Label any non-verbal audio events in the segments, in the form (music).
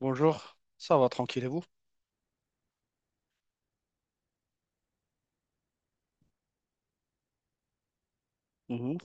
Bonjour, ça va tranquille et vous? Mhm.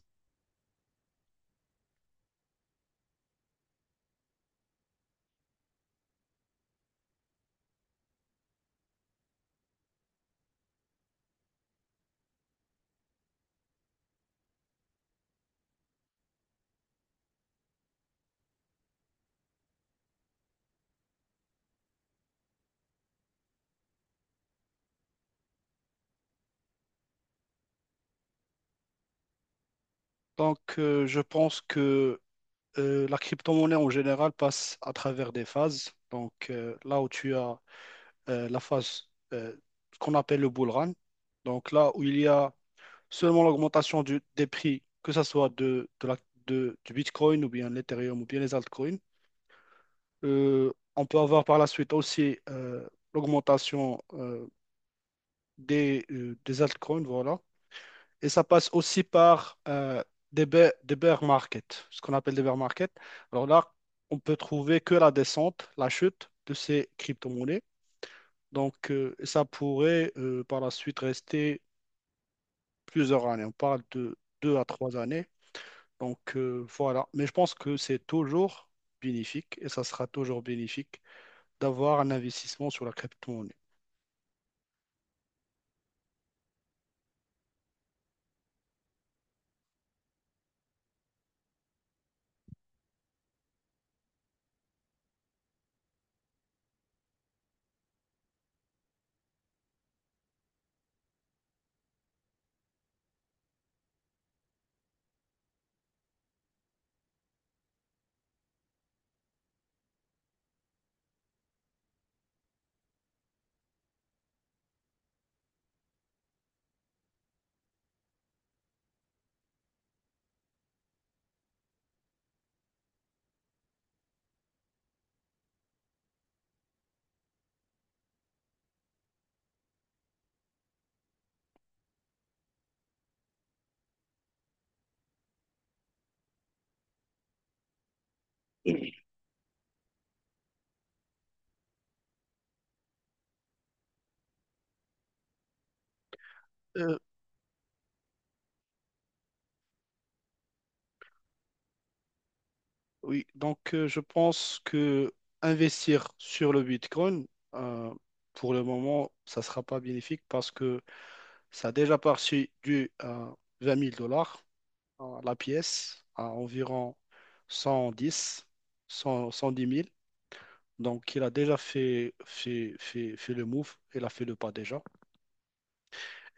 Donc, je pense que la crypto-monnaie en général passe à travers des phases. Donc, là où tu as la phase qu'on appelle le bull run, donc là où il y a seulement l'augmentation des prix, que ce soit de la, du Bitcoin ou bien l'Ethereum ou bien les altcoins. On peut avoir par la suite aussi l'augmentation des altcoins, voilà. Et ça passe aussi par des bear markets, ce qu'on appelle des bear markets. Alors là, on peut trouver que la descente, la chute de ces crypto-monnaies. Donc, ça pourrait par la suite rester plusieurs années. On parle de 2 à 3 années. Donc, voilà. Mais je pense que c'est toujours bénéfique et ça sera toujours bénéfique d'avoir un investissement sur la crypto-monnaie. Euh, Oui, donc je pense que investir sur le Bitcoin, euh, pour le moment, ça ne sera pas bénéfique parce que ça a déjà parti du 20 000 dollars, la pièce, à environ 110, 100, 110 000. Donc il a déjà fait le move, il a fait le pas déjà.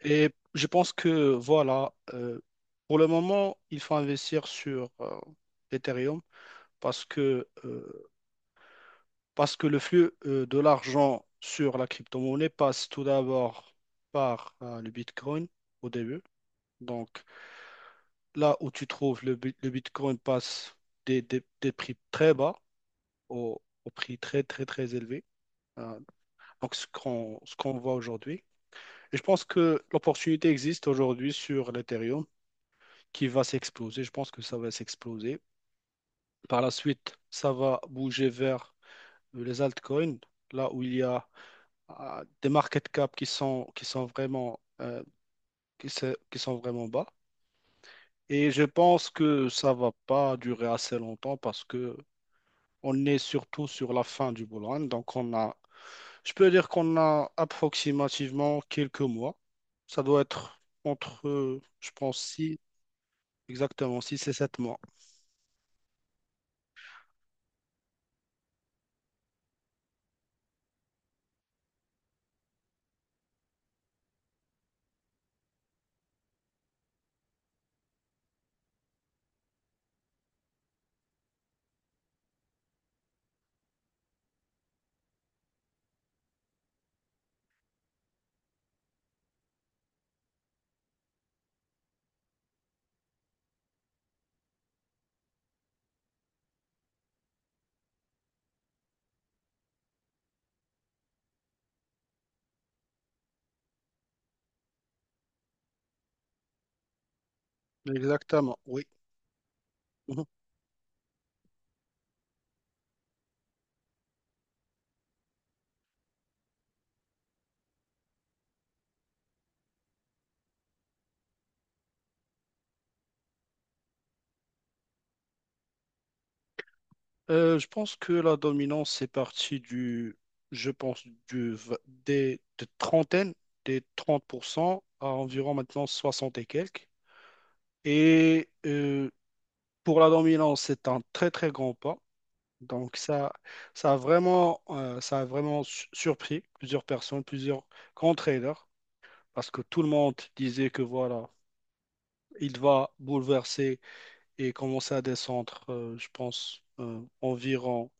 Et je pense que voilà, pour le moment, il faut investir sur Ethereum, parce que euh, Parce que le flux de l'argent sur la crypto-monnaie passe tout d'abord par le Bitcoin au début. Donc là où tu trouves le Bitcoin passe des prix très bas au, au prix très très très élevé. Euh, donc ce qu'on voit aujourd'hui. Et je pense que l'opportunité existe aujourd'hui sur l'Ethereum qui va s'exploser. Je pense que ça va s'exploser. Par la suite, ça va bouger vers les altcoins, là où il y a à des market cap qui sont vraiment, qui sont vraiment bas. Et je pense que ça va pas durer assez longtemps parce que on est surtout sur la fin du bull run. Donc on a, je peux dire qu'on a approximativement quelques mois. Ça doit être entre, je pense, six, exactement, 6 et 7 mois. Exactement, oui. Mhm. Je pense que la dominance, c'est parti je pense, des 30% à environ maintenant 60 et quelques. Et pour la dominance, c'est un très très grand pas. Donc ça a vraiment, surpris plusieurs personnes, plusieurs grands traders, parce que tout le monde disait que voilà, il va bouleverser et commencer à descendre, je pense,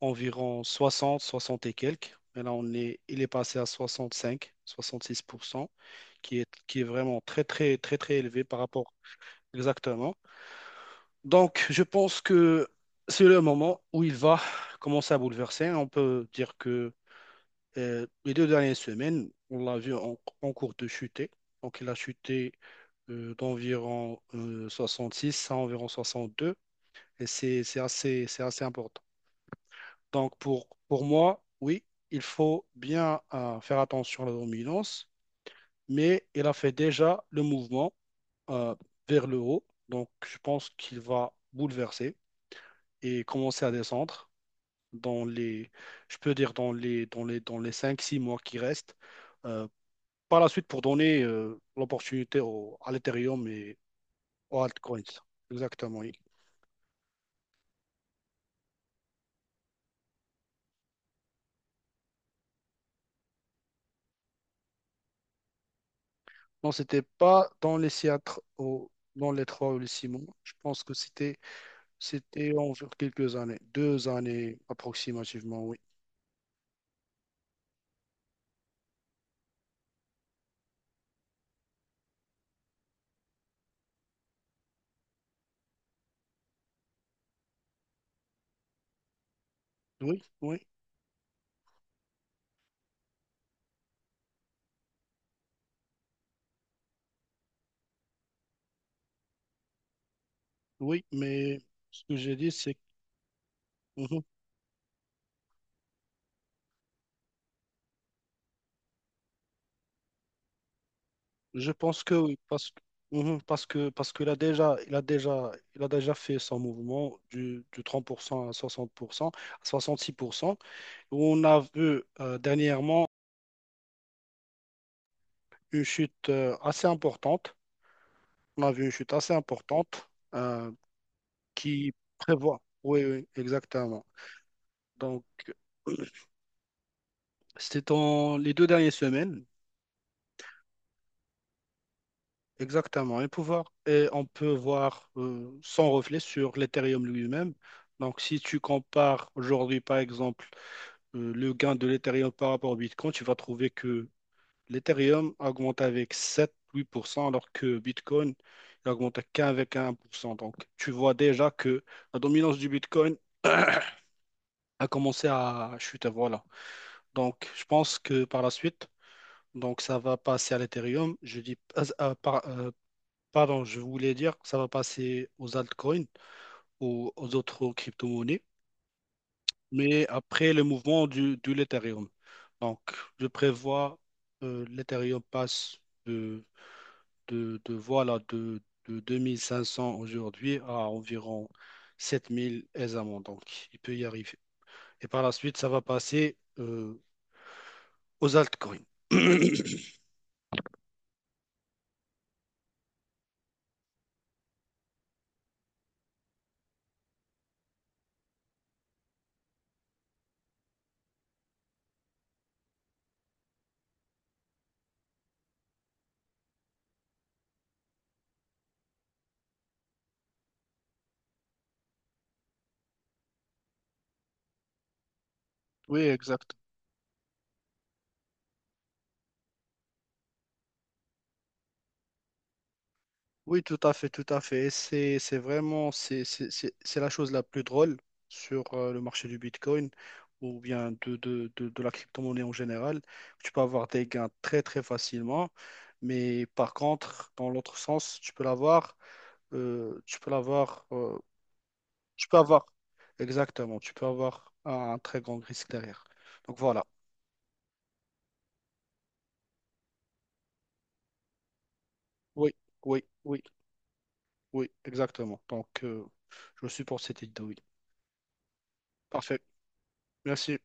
environ 60, 60 et quelques. Mais là, il est passé à soixante, soixante cinq, six pour cent, qui est vraiment très, très, très, très élevé par rapport. Exactement. Donc, je pense que c'est le moment où il va commencer à bouleverser. On peut dire que les deux dernières semaines, on l'a vu en cours de chuter. Donc, il a chuté d'environ 66 à environ 62. Et c'est assez important. Donc, pour moi, oui, il faut bien faire attention à la dominance, mais il a fait déjà le mouvement euh, vers le haut. Donc, je pense qu'il va bouleverser et commencer à descendre dans les, je peux dire, dans les cinq six mois qui restent. Euh, Par la suite pour donner l'opportunité à l'Ethereum et aux altcoins. Exactement, oui. Non, c'était pas dans les Seattle, dans les trois ou les six mois. Je pense que c'était en quelques années, 2 années approximativement, oui. Oui, oui, oui, mais ce que j'ai dit, c'est... Mhm. Je pense que oui, parce que... Mhm, parce qu'il a déjà, il a déjà fait son mouvement du 30% à 60% à 66%. On a vu dernièrement une chute assez importante. On a vu une chute assez importante qui prévoit. Oui, oui, exactement. Donc, (clears throat) c'était dans les deux dernières semaines, exactement. Et on peut voir son reflet sur l'Ethereum lui-même. Donc, si tu compares aujourd'hui, par exemple, le gain de l'Ethereum par rapport au Bitcoin, tu vas trouver que l'Ethereum a augmenté avec 7-8%, alors que Bitcoin il augmente qu'avec 1%. Donc, tu vois déjà que la dominance du Bitcoin a commencé à chuter. Voilà. Donc, je pense que par la suite, donc ça va passer à l'Ethereum. Je dis, ah, ah, pardon, je voulais dire que ça va passer aux altcoins, aux autres crypto-monnaies, mais après le mouvement de l'Ethereum. Donc, je prévois l'Ethereum passe de voilà, de 2 500 aujourd'hui à environ 7 000 aisément. Donc, il peut y arriver. Et par la suite, ça va passer aux altcoins. (coughs) (clears throat) Oui, exact. Oui, tout à fait, tout à fait. Et c'est vraiment, c'est la chose la plus drôle sur le marché du Bitcoin ou bien de la crypto-monnaie en général. Tu peux avoir des gains très, très facilement. Mais par contre, dans l'autre sens, euh, tu peux l'avoir euh, Tu peux avoir, exactement, tu peux avoir un très grand risque derrière. Donc voilà. Oui, oui, oui, oui, exactement. Donc, je suis pour cette idée, oui. Parfait. Merci.